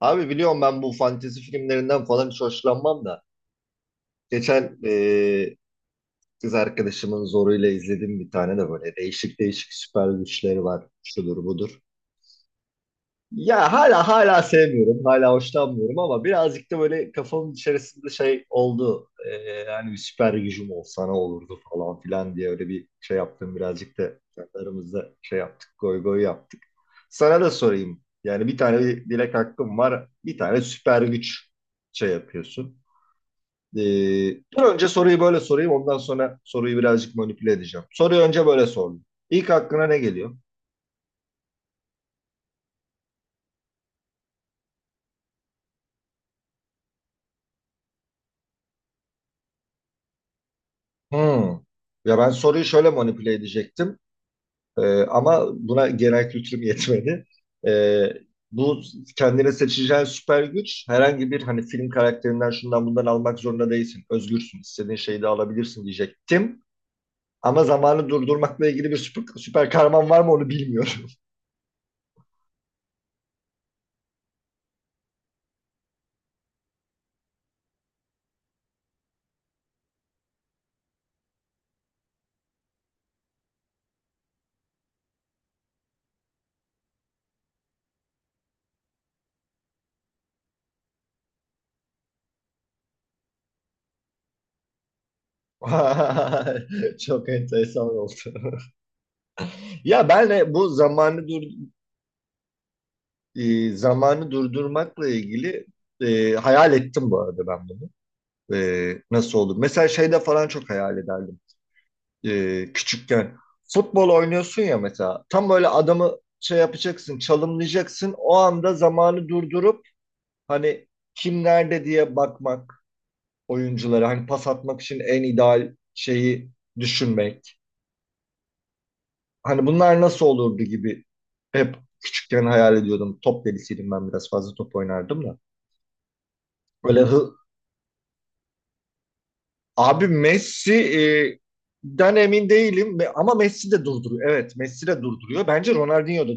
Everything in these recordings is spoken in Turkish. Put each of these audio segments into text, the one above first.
Abi biliyorum ben bu fantezi filmlerinden falan hiç hoşlanmam da. Geçen kız arkadaşımın zoruyla izledim bir tane de böyle değişik değişik süper güçleri var. Şudur budur. Ya hala sevmiyorum, hala hoşlanmıyorum ama birazcık da böyle kafamın içerisinde şey oldu. Hani bir süper gücüm olsa ne olurdu falan filan diye öyle bir şey yaptım. Birazcık da kendi aramızda şey yaptık, goy goy yaptık. Sana da sorayım. Yani bir tane bir dilek hakkım var, bir tane süper güç şey yapıyorsun. Ee, dur önce soruyu böyle sorayım, ondan sonra soruyu birazcık manipüle edeceğim. Soruyu önce böyle sordum. İlk aklına ne geliyor? Hmm. Ya ben soruyu şöyle manipüle edecektim. Ama buna genel kültürüm yetmedi. Ee, bu kendine seçeceğin süper güç herhangi bir hani film karakterinden şundan bundan almak zorunda değilsin. Özgürsün. İstediğin şeyi de alabilirsin diyecektim. Ama zamanı durdurmakla ilgili bir süper kahraman var mı onu bilmiyorum. Çok enteresan oldu. Ya ben de bu zamanı durdurmakla ilgili hayal ettim bu arada ben bunu. Nasıl olur? Mesela şeyde falan çok hayal ederdim. Küçükken. Futbol oynuyorsun ya mesela. Tam böyle adamı şey yapacaksın, çalımlayacaksın. O anda zamanı durdurup hani kim nerede diye bakmak oyunculara. Hani pas atmak için en ideal şeyi düşünmek. Hani bunlar nasıl olurdu gibi hep küçükken hayal ediyordum. Top delisiydim ben biraz fazla top oynardım da. Böyle hı... Abi Messi den emin değilim ama Messi de durduruyor. Evet, Messi de durduruyor. Bence Ronaldinho da.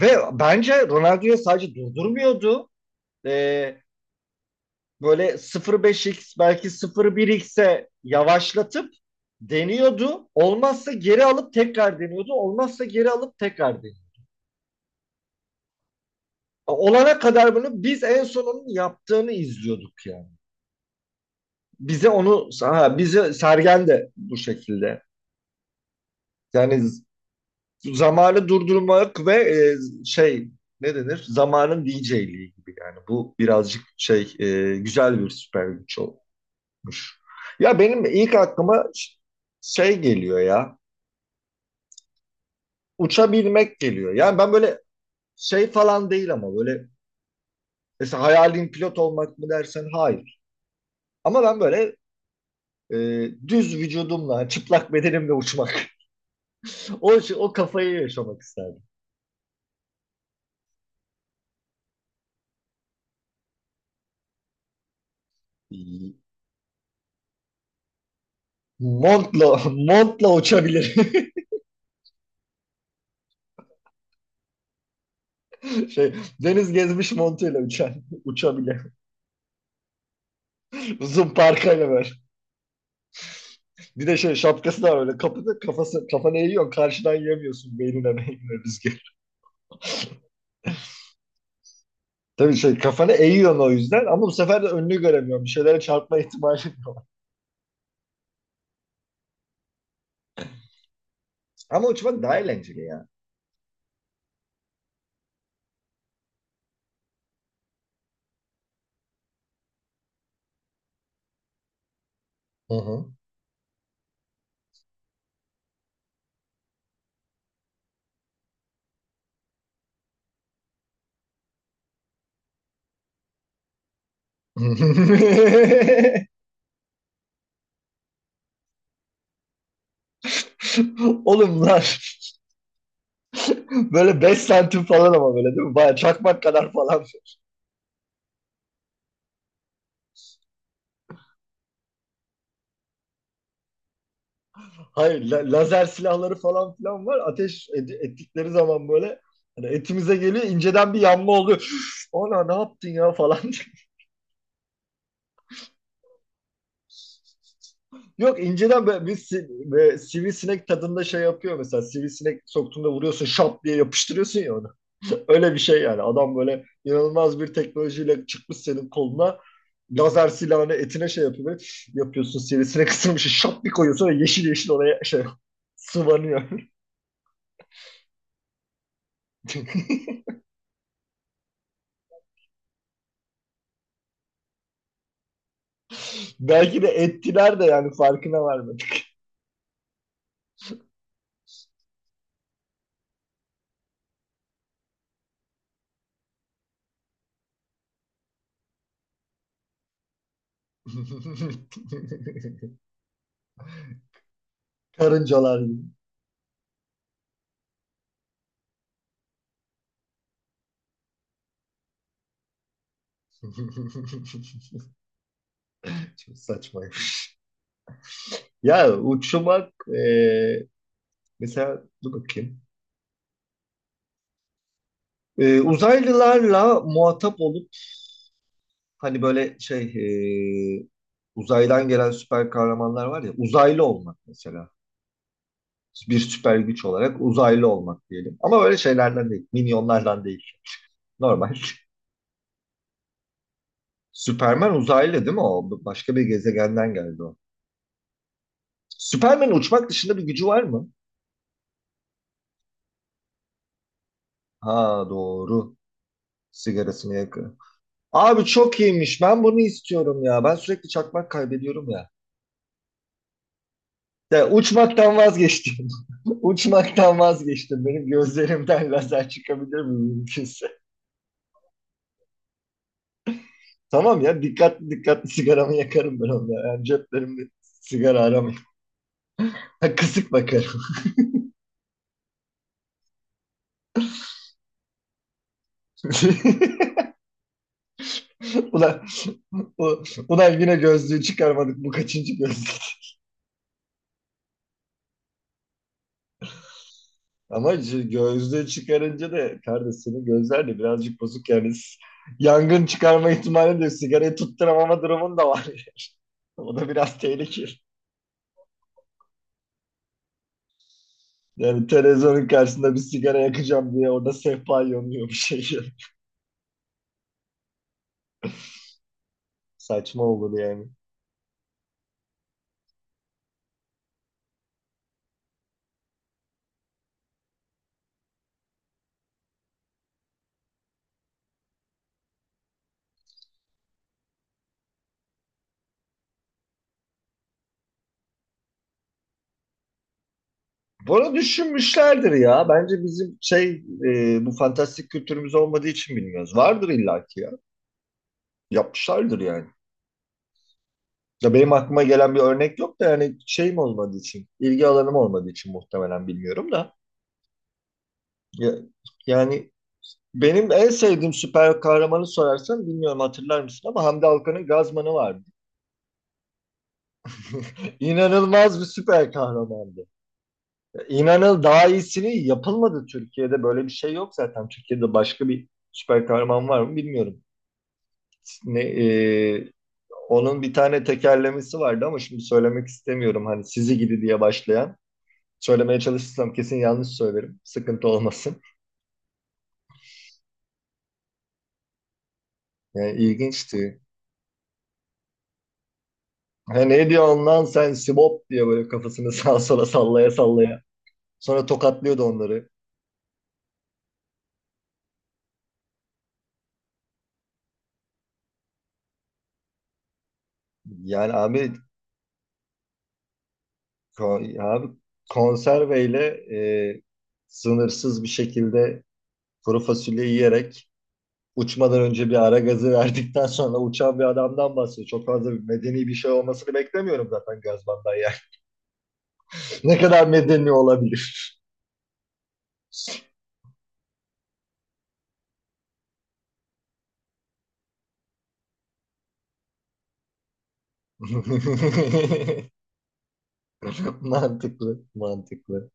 Ve bence Ronaldinho sadece durdurmuyordu. Ee, böyle 0.5x belki 0.1x'e yavaşlatıp deniyordu. Olmazsa geri alıp tekrar deniyordu. Olmazsa geri alıp tekrar deniyordu. Olana kadar bunu biz en sonunun yaptığını izliyorduk yani. Bize Sergen de bu şekilde. Yani zamanı durdurmak ve şey ne denir? Zamanın DJ'liği gibi yani. Bu birazcık şey güzel bir süper güç oldu. Tutmuş. Ya benim ilk aklıma şey geliyor ya. Uçabilmek geliyor. Yani ben böyle şey falan değil ama böyle mesela hayalin pilot olmak mı dersen hayır. Ama ben böyle e, düz vücudumla, çıplak bedenimle uçmak. O kafayı yaşamak isterdim. Montla, montla uçabilir. Şey, deniz gezmiş montuyla uçan, uçabilir. Uzun parkayla böyle. Bir de şey şapkası da var öyle. Kapıda kafası, kafanı eğiyorsun. Karşıdan yemiyorsun beynine beynine rüzgar. Tabii şey kafanı eğiyorsun o yüzden ama bu sefer de önünü göremiyorum. Bir şeylere çarpma ihtimali var. Ama uçmak daha eğlenceli ya. Hı hı. Oğlum lan. Böyle 5 santim falan ama böyle değil mi? Baya çakmak kadar falan. Hayır lazer silahları falan filan var. Ateş ettikleri zaman böyle hani etimize geliyor inceden bir yanma oluyor. Ona ne yaptın ya falan. Yok inceden böyle bir, böyle sivrisinek tadında şey yapıyor mesela sivrisinek soktuğunda vuruyorsun şap diye yapıştırıyorsun ya onu. Öyle bir şey yani adam böyle inanılmaz bir teknolojiyle çıkmış senin koluna lazer silahını etine şey yapıyor böyle, yapıyorsun sivrisinek ısırmış şap bir koyuyorsun ve yeşil yeşil oraya şey sıvanıyor. Belki de ettiler de yani farkına varmadık. Karıncalar gibi. Çok saçma. Ya uçmak mesela dur bakayım. Uzaylılarla muhatap olup hani böyle şey e, uzaydan gelen süper kahramanlar var ya uzaylı olmak mesela. Bir süper güç olarak uzaylı olmak diyelim. Ama böyle şeylerden değil. Minyonlardan değil. Normal. Superman uzaylı değil mi o? Başka bir gezegenden geldi o. Superman uçmak dışında bir gücü var mı? Ha, doğru. Sigarasını yakıyor. Abi çok iyiymiş. Ben bunu istiyorum ya. Ben sürekli çakmak kaybediyorum ya. Ya uçmaktan vazgeçtim. Uçmaktan vazgeçtim. Benim gözlerimden lazer çıkabilir mi mümkünse? Tamam ya dikkatli dikkatli sigaramı yakarım ben onda. Yani ceplerimde sigara aramayayım. Kısık bakarım. Ulan, u- ulan yine gözlüğü çıkarmadık. Bu kaçıncı gözlük? Ama işte gözlüğü çıkarınca da kardeşinin gözler de birazcık bozuk yani yangın çıkarma ihtimali de sigarayı tutturamama durumun da var. O da biraz tehlikeli. Yani televizyonun karşısında bir sigara yakacağım diye orada sehpa yanıyor bir şey. Saçma olur yani. Bunu düşünmüşlerdir ya. Bence bizim şey bu fantastik kültürümüz olmadığı için bilmiyoruz. Vardır illaki ya. Yapmışlardır yani. Ya benim aklıma gelen bir örnek yok da yani şeyim olmadığı için, ilgi alanım olmadığı için muhtemelen bilmiyorum da. Ya- yani benim en sevdiğim süper kahramanı sorarsan bilmiyorum hatırlar mısın ama Hamdi Alkan'ın Gazman'ı vardı. İnanılmaz bir süper kahramandı. İnanıl daha iyisini yapılmadı Türkiye'de. Böyle bir şey yok zaten. Türkiye'de başka bir süper kahraman var mı bilmiyorum. Ne, onun bir tane tekerlemesi vardı ama şimdi söylemek istemiyorum. Hani sizi gidi diye başlayan. Söylemeye çalışırsam kesin yanlış söylerim. Sıkıntı olmasın. Yani ilginçti. He, ne diyorsun lan sen Sibop diye böyle kafasını sağa sola sallaya sallaya. Sonra tokatlıyordu onları. Yani abi konserveyle e, sınırsız bir şekilde kuru fasulye yiyerek uçmadan önce bir ara gazı verdikten sonra uçan bir adamdan bahsediyor. Çok fazla bir medeni bir şey olmasını beklemiyorum zaten Gazban'dan yani. Ne kadar medeni olabilir? Mantıklı, mantıklı.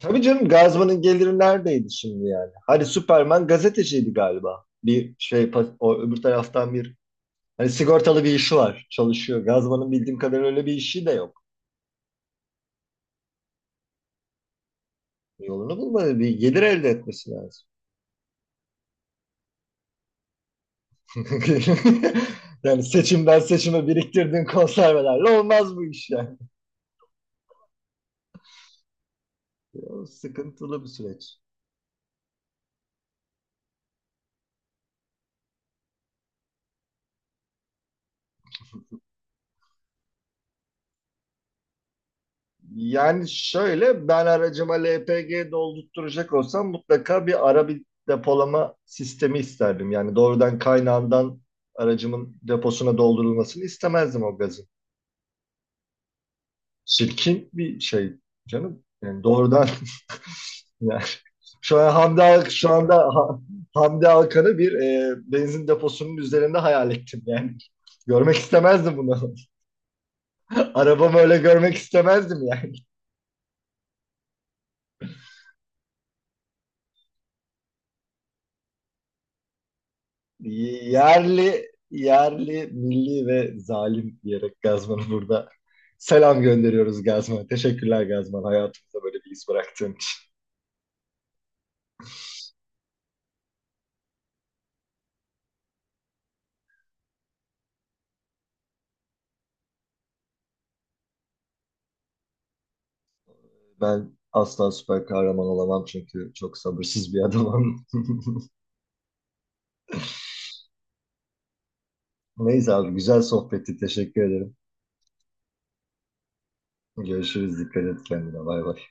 Tabii canım Gazman'ın geliri neredeydi şimdi yani? Hani Superman gazeteciydi galiba. O öbür taraftan bir hani sigortalı bir işi var. Çalışıyor. Gazman'ın bildiğim kadarıyla öyle bir işi de yok. Yolunu bulmadı. Bir gelir elde etmesi lazım. Yani seçimden seçime biriktirdiğin konservelerle olmaz bu iş yani. O sıkıntılı bir süreç. Yani şöyle ben aracıma LPG doldurtturacak olsam mutlaka bir ara bir depolama sistemi isterdim. Yani doğrudan kaynağından aracımın deposuna doldurulmasını istemezdim o gazın. Çirkin bir şey canım. Yani doğrudan. Yani şu an Hamdi Al- şu anda Ha- Hamdi Alkan'ı bir benzin deposunun üzerinde hayal ettim yani. Görmek istemezdim bunu. Arabamı öyle görmek istemezdim yani. Yerli, yerli, milli ve zalim diyerek Gazman'ı burada selam gönderiyoruz Gazman. Teşekkürler Gazman hayatımızda böyle bir iz bıraktığın için. Ben asla süper kahraman olamam çünkü çok sabırsız bir adamım. Neyse abi güzel sohbetti teşekkür ederim. Görüşürüz dikkat et kendine, bay bay.